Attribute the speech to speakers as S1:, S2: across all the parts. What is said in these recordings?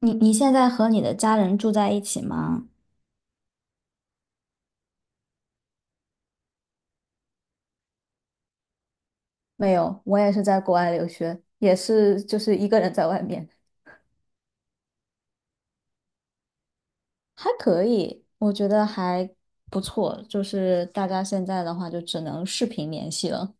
S1: 你现在和你的家人住在一起吗？没有，我也是在国外留学，也是就是一个人在外面。还可以，我觉得还不错。就是大家现在的话，就只能视频联系了。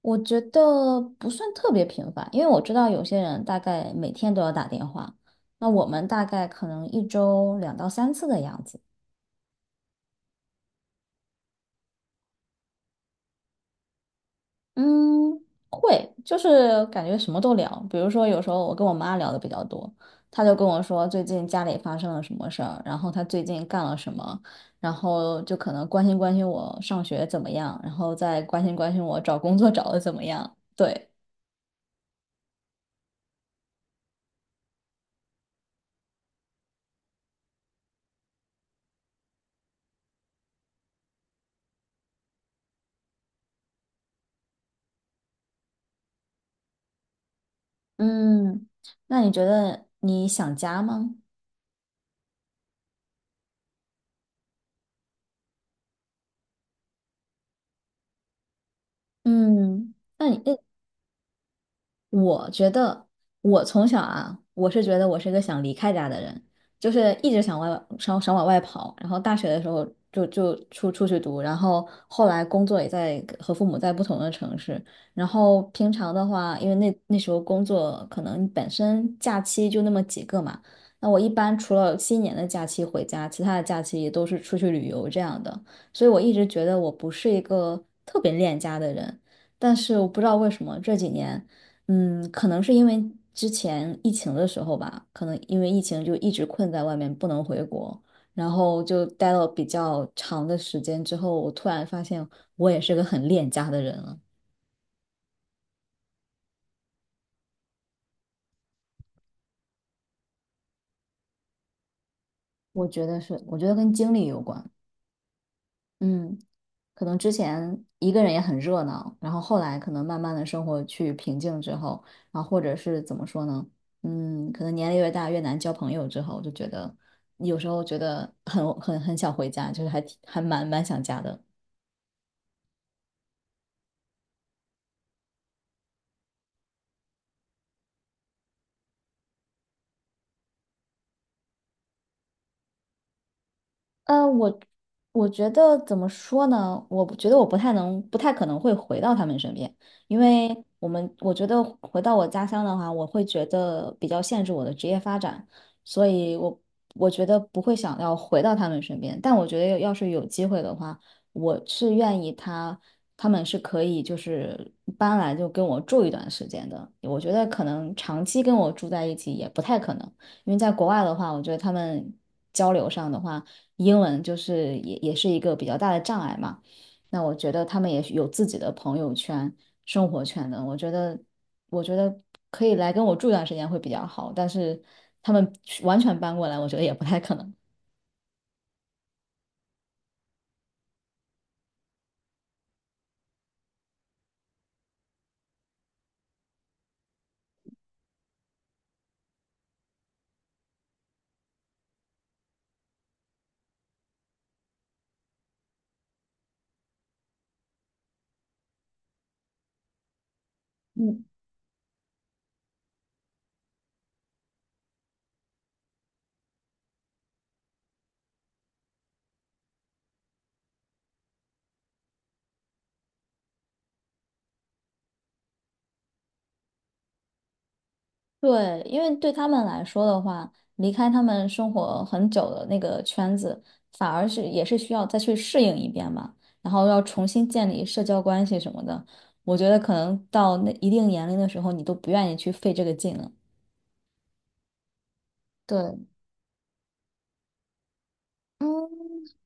S1: 我觉得不算特别频繁，因为我知道有些人大概每天都要打电话，那我们大概可能一周两到三次的样子。嗯，会，就是感觉什么都聊。比如说，有时候我跟我妈聊的比较多，她就跟我说最近家里发生了什么事儿，然后她最近干了什么，然后就可能关心关心我上学怎么样，然后再关心关心我找工作找的怎么样。对。嗯，那你觉得你想家吗？嗯，我觉得我从小啊，我是觉得我是一个想离开家的人，就是一直想往外跑。然后大学的时候就出去读，然后后来工作也在和父母在不同的城市。然后平常的话，因为那时候工作可能本身假期就那么几个嘛，那我一般除了新年的假期回家，其他的假期都是出去旅游这样的。所以我一直觉得我不是一个特别恋家的人。但是我不知道为什么这几年。可能是因为之前疫情的时候吧，可能因为疫情就一直困在外面，不能回国，然后就待了比较长的时间之后，我突然发现我也是个很恋家的人了。我觉得是，我觉得跟经历有关。嗯。可能之前一个人也很热闹，然后后来可能慢慢的生活去平静之后，然后或者是怎么说呢？可能年龄越大越难交朋友之后，就觉得有时候觉得很想回家，就是还蛮想家的。呃，我我觉得怎么说呢？我不觉得我不太能，不太可能会回到他们身边，因为我觉得回到我家乡的话，我会觉得比较限制我的职业发展，所以我觉得不会想要回到他们身边。但我觉得要是有机会的话，我是愿意他们是可以就是搬来就跟我住一段时间的。我觉得可能长期跟我住在一起也不太可能，因为在国外的话，我觉得他们交流上的话。英文就是也是一个比较大的障碍嘛。那我觉得他们也是有自己的朋友圈、生活圈的，我觉得可以来跟我住一段时间会比较好，但是他们完全搬过来，我觉得也不太可能。嗯，对，因为对他们来说的话，离开他们生活很久的那个圈子，反而是也是需要再去适应一遍嘛，然后要重新建立社交关系什么的。我觉得可能到那一定年龄的时候，你都不愿意去费这个劲了。对。嗯，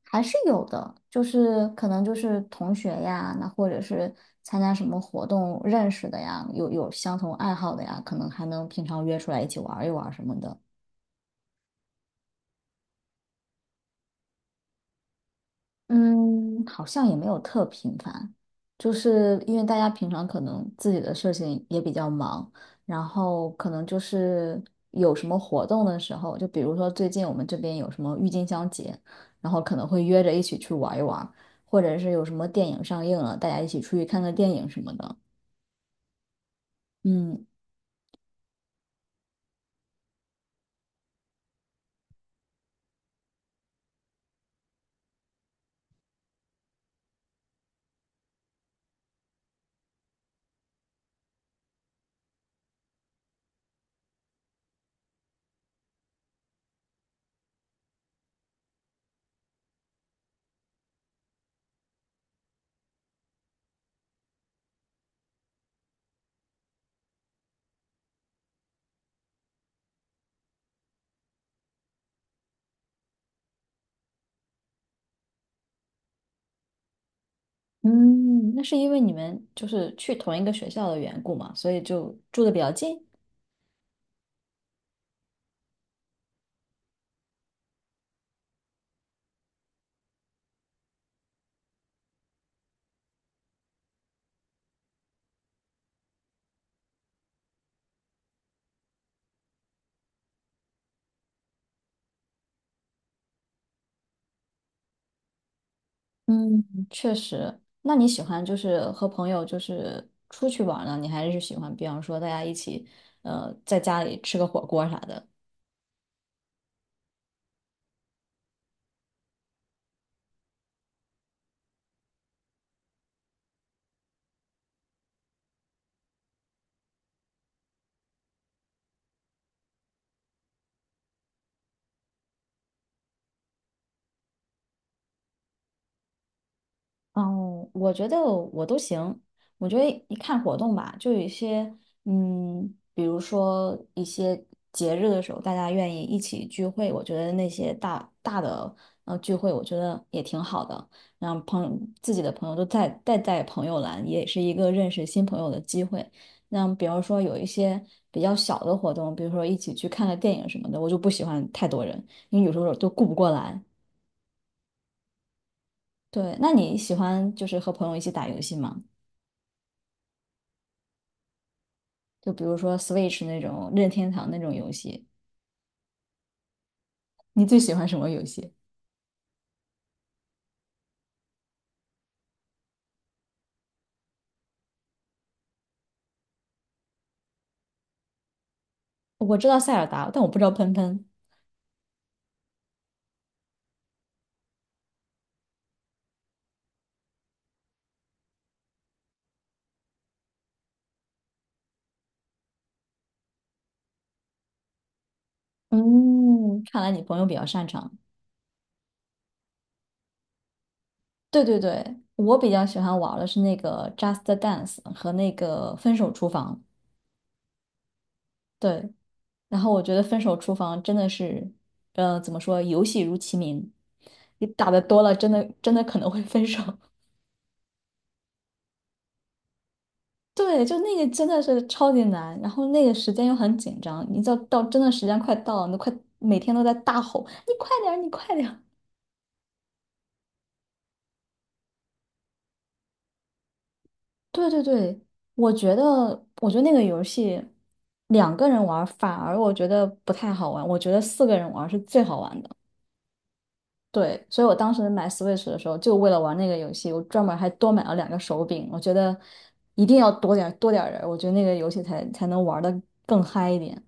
S1: 还是有的，就是可能就是同学呀，那或者是参加什么活动认识的呀，有相同爱好的呀，可能还能平常约出来一起玩儿一玩儿什么的。嗯，好像也没有特频繁，就是因为大家平常可能自己的事情也比较忙，然后可能就是有什么活动的时候，就比如说最近我们这边有什么郁金香节，然后可能会约着一起去玩一玩，或者是有什么电影上映了，大家一起出去看个电影什么的。嗯嗯，那是因为你们就是去同一个学校的缘故嘛，所以就住的比较近。嗯，确实。那你喜欢就是和朋友就是出去玩儿呢？你还是喜欢，比方说大家一起，在家里吃个火锅啥的？哦，我觉得我都行。我觉得一看活动吧，就有一些，比如说一些节日的时候，大家愿意一起聚会，我觉得那些大大的聚会，我觉得也挺好的。让自己的朋友都带朋友来，也是一个认识新朋友的机会。那比如说有一些比较小的活动，比如说一起去看个电影什么的，我就不喜欢太多人，因为有时候都顾不过来。对。那你喜欢就是和朋友一起打游戏吗？就比如说 Switch 那种任天堂那种游戏，你最喜欢什么游戏？我知道塞尔达，但我不知道喷喷。嗯，看来你朋友比较擅长。对对对，我比较喜欢玩的是那个 Just Dance 和那个分手厨房。对，然后我觉得分手厨房真的是，怎么说，游戏如其名，你打的多了，真的真的可能会分手。对，就那个真的是超级难，然后那个时间又很紧张，你真的时间快到了，你都快每天都在大吼，你快点儿，你快点儿。对对对，我觉得，我觉得那个游戏两个人玩儿反而我觉得不太好玩，我觉得四个人玩儿是最好玩的。对，所以我当时买 Switch 的时候，就为了玩那个游戏，我专门还多买了两个手柄。我觉得一定要多点儿人儿我觉得那个游戏才能玩的更嗨一点。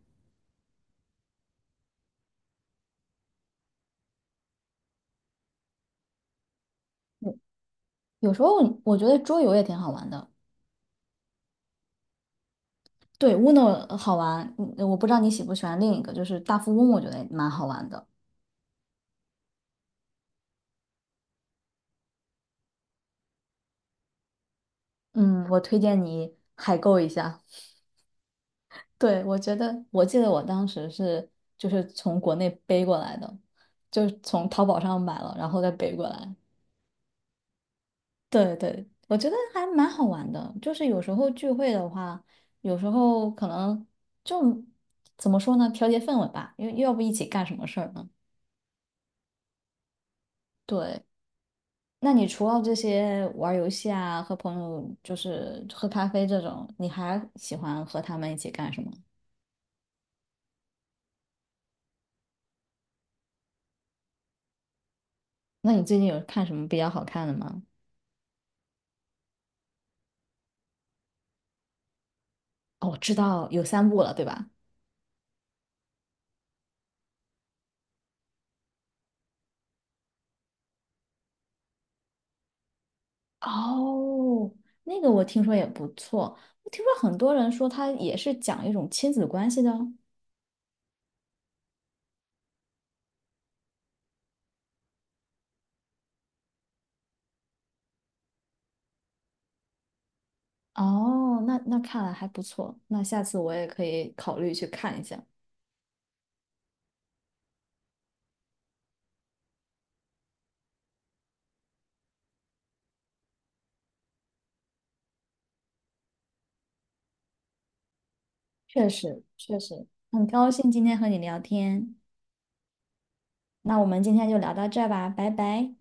S1: 有时候我觉得桌游也挺好玩的。对，Uno 好玩，我不知道你喜不喜欢另一个，就是大富翁，我觉得蛮好玩的。嗯，我推荐你海购一下。对，我记得我当时是就是从国内背过来的，就是从淘宝上买了，然后再背过来。对对，我觉得还蛮好玩的。就是有时候聚会的话，有时候可能就怎么说呢，调节氛围吧，因为要不一起干什么事儿呢？对。那你除了这些玩儿游戏啊，和朋友就是喝咖啡这种，你还喜欢和他们一起干什么？那你最近有看什么比较好看的吗？哦，我知道有三部了，对吧？哦，那个我听说也不错，我听说很多人说它也是讲一种亲子关系的哦。哦，那看来还不错，那下次我也可以考虑去看一下。确实，确实，很高兴今天和你聊天，那我们今天就聊到这儿吧，拜拜。